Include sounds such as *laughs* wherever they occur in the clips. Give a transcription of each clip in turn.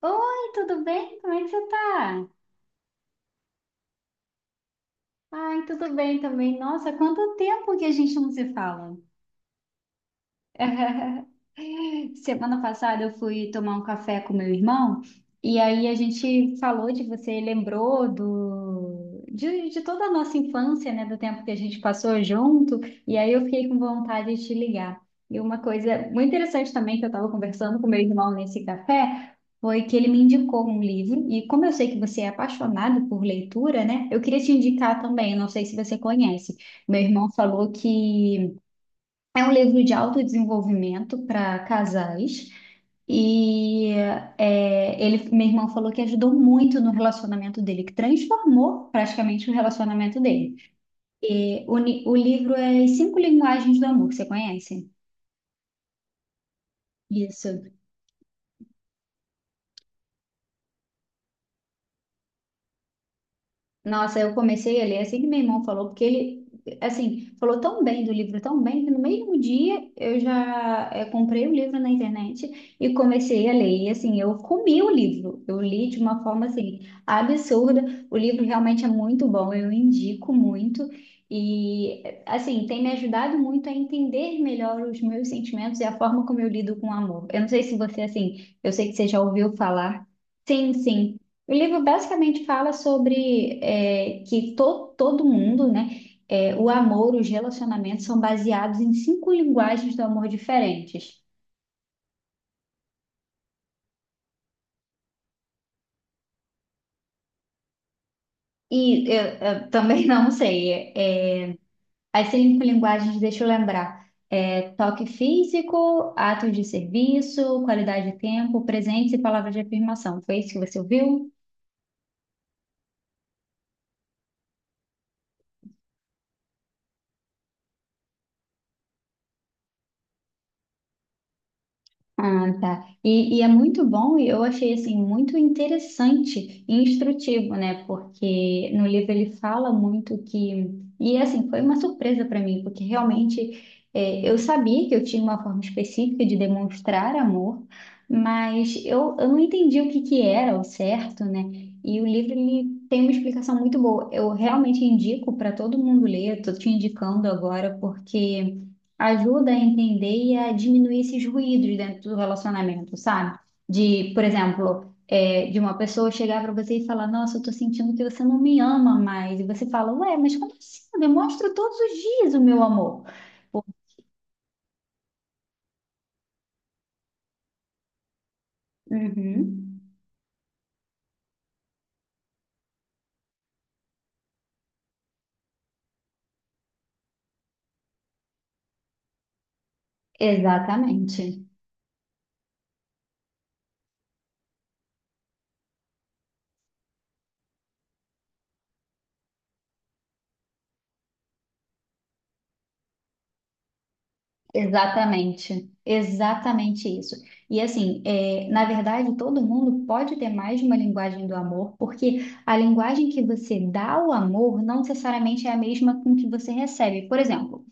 Oi, tudo bem? Como é que você tá? Ai, tudo bem também. Nossa, quanto tempo que a gente não se fala. *laughs* Semana passada eu fui tomar um café com meu irmão e aí a gente falou de você, lembrou de toda a nossa infância, né, do tempo que a gente passou junto, e aí eu fiquei com vontade de te ligar. E uma coisa muito interessante também que eu estava conversando com meu irmão nesse café foi que ele me indicou um livro, e como eu sei que você é apaixonado por leitura, né, eu queria te indicar também, não sei se você conhece. Meu irmão falou que é um livro de autodesenvolvimento para casais. E meu irmão falou que ajudou muito no relacionamento dele, que transformou praticamente o relacionamento dele. E o livro é As Cinco Linguagens do Amor, você conhece? Isso. Nossa, eu comecei a ler é assim que meu irmão falou, porque ele, assim, falou tão bem do livro, tão bem, que no mesmo dia eu já comprei o livro na internet e comecei a ler. E assim, eu comi o livro, eu li de uma forma assim, absurda. O livro realmente é muito bom, eu indico muito. E assim, tem me ajudado muito a entender melhor os meus sentimentos e a forma como eu lido com o amor. Eu não sei se você, assim, eu sei que você já ouviu falar. Sim, sim. O livro basicamente fala sobre todo mundo, né, é, o amor, os relacionamentos são baseados em cinco linguagens do amor diferentes. E eu, eu também *laughs* não sei. As cinco linguagens, deixa eu lembrar: é, toque físico, atos de serviço, qualidade de tempo, presentes e palavras de afirmação. Foi isso que você ouviu? Ah, tá. E é muito bom, e eu achei assim muito interessante e instrutivo, né? Porque no livro ele fala muito que. E assim, foi uma surpresa para mim, porque realmente é, eu sabia que eu tinha uma forma específica de demonstrar amor, mas eu não entendi o que que era o certo, né? E o livro ele tem uma explicação muito boa. Eu realmente indico para todo mundo ler, eu tô te indicando agora, porque ajuda a entender e a diminuir esses ruídos dentro do relacionamento, sabe? De, por exemplo, é, de uma pessoa chegar para você e falar: nossa, eu tô sentindo que você não me ama mais. E você fala: ué, mas como assim? Eu demonstro todos os dias o meu amor. Uhum, exatamente. Exatamente, exatamente isso. E assim, é, na verdade, todo mundo pode ter mais de uma linguagem do amor, porque a linguagem que você dá ao amor não necessariamente é a mesma com que você recebe. Por exemplo,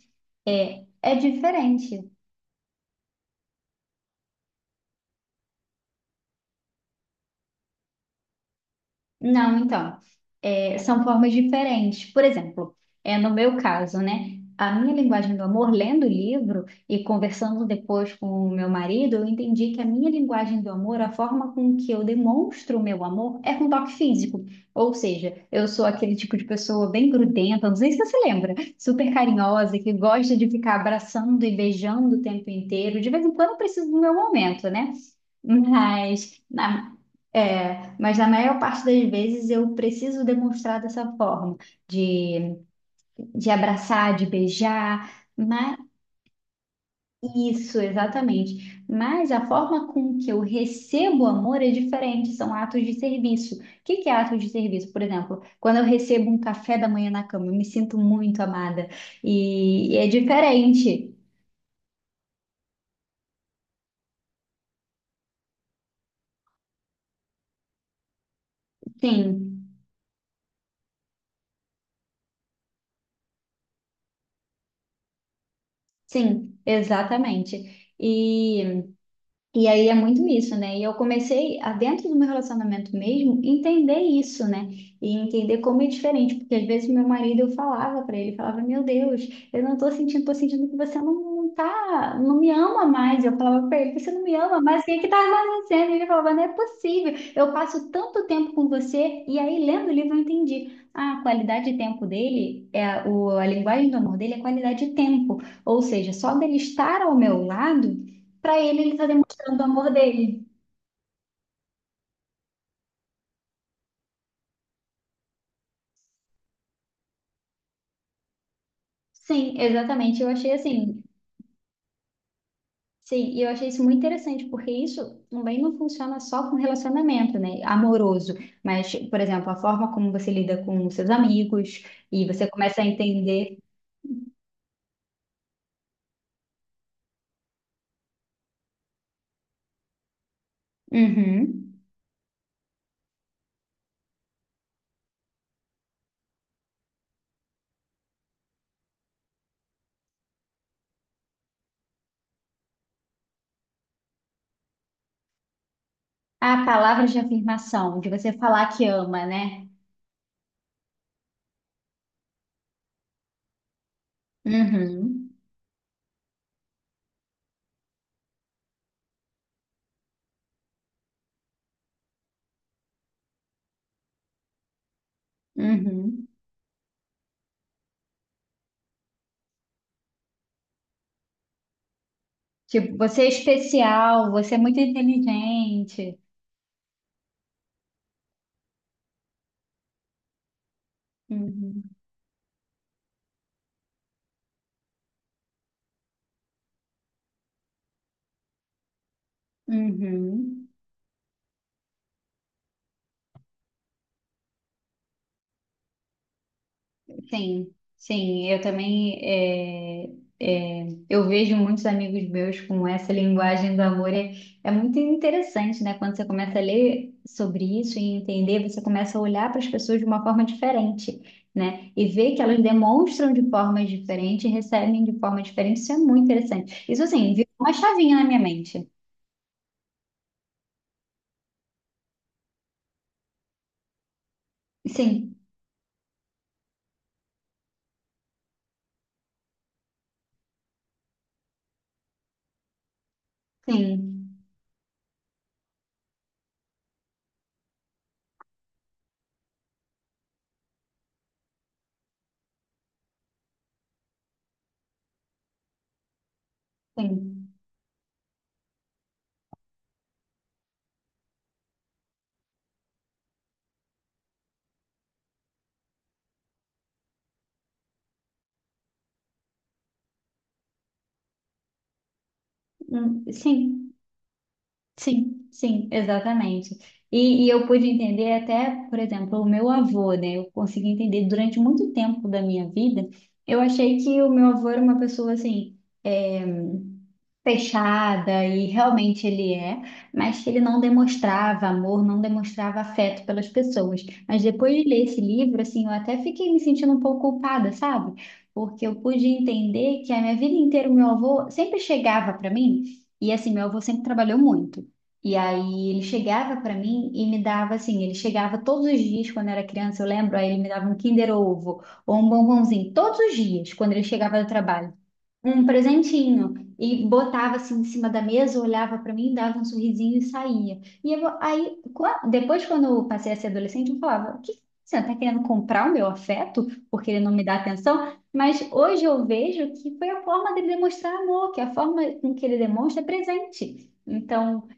é, é diferente. Não, então, é, são formas diferentes. Por exemplo, é no meu caso, né? A minha linguagem do amor, lendo o livro e conversando depois com o meu marido, eu entendi que a minha linguagem do amor, a forma com que eu demonstro o meu amor, é com toque físico. Ou seja, eu sou aquele tipo de pessoa bem grudenta, não sei se você se lembra, super carinhosa, que gosta de ficar abraçando e beijando o tempo inteiro. De vez em quando eu preciso do meu momento, né? Mas na- é, mas na maior parte das vezes eu preciso demonstrar dessa forma, de, de abraçar, de beijar, mas isso, exatamente. Mas a forma com que eu recebo amor é diferente, são atos de serviço. O que que é ato de serviço? Por exemplo, quando eu recebo um café da manhã na cama, eu me sinto muito amada e é diferente. Sim, sim, exatamente. E aí é muito isso, né? E eu comecei, a, dentro do meu relacionamento mesmo, entender isso, né? E entender como é diferente, porque às vezes meu marido eu falava pra ele, falava, meu Deus, eu não tô sentindo, tô sentindo que você não tá, não me ama mais. Eu falava pra ele, você não me ama mais, o que é que tá acontecendo? E ele falava, não é possível, eu passo tanto tempo com você, e aí lendo o livro eu entendi. A qualidade de tempo dele, a linguagem do amor dele é qualidade de tempo, ou seja, só dele estar ao meu lado. Para ele, ele está tanto amor dele. Sim, exatamente. Eu achei assim. Sim, e eu achei isso muito interessante, porque isso também não funciona só com relacionamento, né, amoroso, mas, por exemplo, a forma como você lida com os seus amigos e você começa a entender uhum, a palavra de afirmação, de você falar que ama, né? Uhum, uhum. Tipo, você é especial, você é muito inteligente. Uhum, uhum. Sim, sim, eu também eu vejo muitos amigos meus com essa linguagem do amor. É, é muito interessante, né? Quando você começa a ler sobre isso e entender, você começa a olhar para as pessoas de uma forma diferente, né? E ver que elas demonstram de formas diferentes, recebem de forma diferente. Isso é muito interessante. Isso, assim, virou uma chavinha na minha mente. Sim, sim, sim. Sim. Sim, sim, exatamente. E eu pude entender até, por exemplo, o meu avô, né? Eu consegui entender durante muito tempo da minha vida. Eu achei que o meu avô era uma pessoa assim. eh, fechada e realmente ele é, mas que ele não demonstrava amor, não demonstrava afeto pelas pessoas. Mas depois de ler esse livro, assim, eu até fiquei me sentindo um pouco culpada, sabe? Porque eu pude entender que a minha vida inteira o meu avô sempre chegava para mim e assim, meu avô sempre trabalhou muito. E aí ele chegava para mim e me dava assim, ele chegava todos os dias quando eu era criança, eu lembro, aí ele me dava um Kinder Ovo ou um bombonzinho todos os dias quando ele chegava do trabalho um presentinho e botava assim em cima da mesa, olhava para mim, dava um sorrisinho e saía. E eu, aí, depois, quando eu passei a ser adolescente, eu falava: "O que que você está querendo comprar o meu afeto porque ele não me dá atenção?" Mas hoje eu vejo que foi a forma dele demonstrar amor, que a forma com que ele demonstra é presente. Então,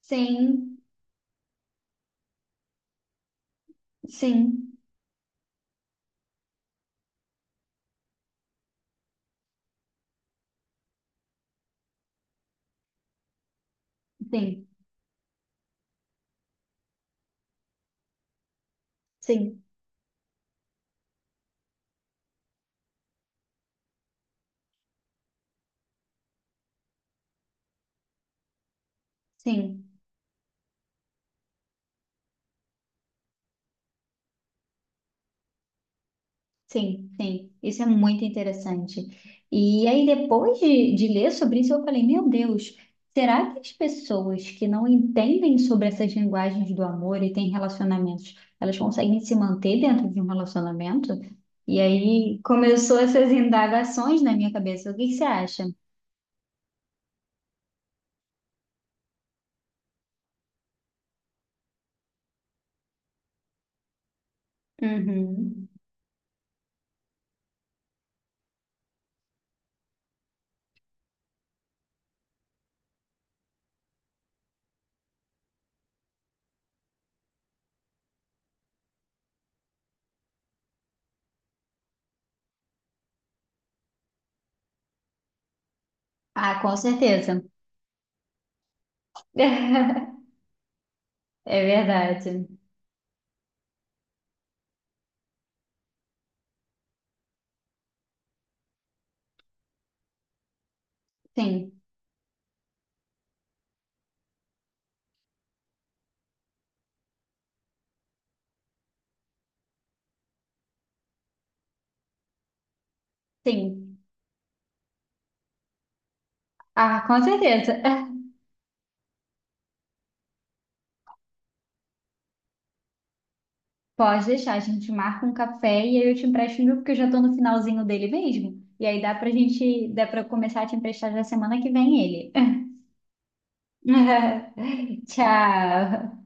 sim, sim, sim, sim, sim. Sim, sim, isso é muito interessante. E aí, depois de ler sobre isso, eu falei: meu Deus, será que as pessoas que não entendem sobre essas linguagens do amor e têm relacionamentos, elas conseguem se manter dentro de um relacionamento? E aí começou essas indagações na minha cabeça. O que que você acha? Uhum. Ah, com certeza. *laughs* É verdade. Sim, sim. Ah, com certeza. *laughs* Pode deixar, a gente marca um café e aí eu te empresto o meu, porque eu já tô no finalzinho dele mesmo. E aí dá pra gente, dá pra eu começar a te emprestar já semana que vem ele. *laughs* Tchau.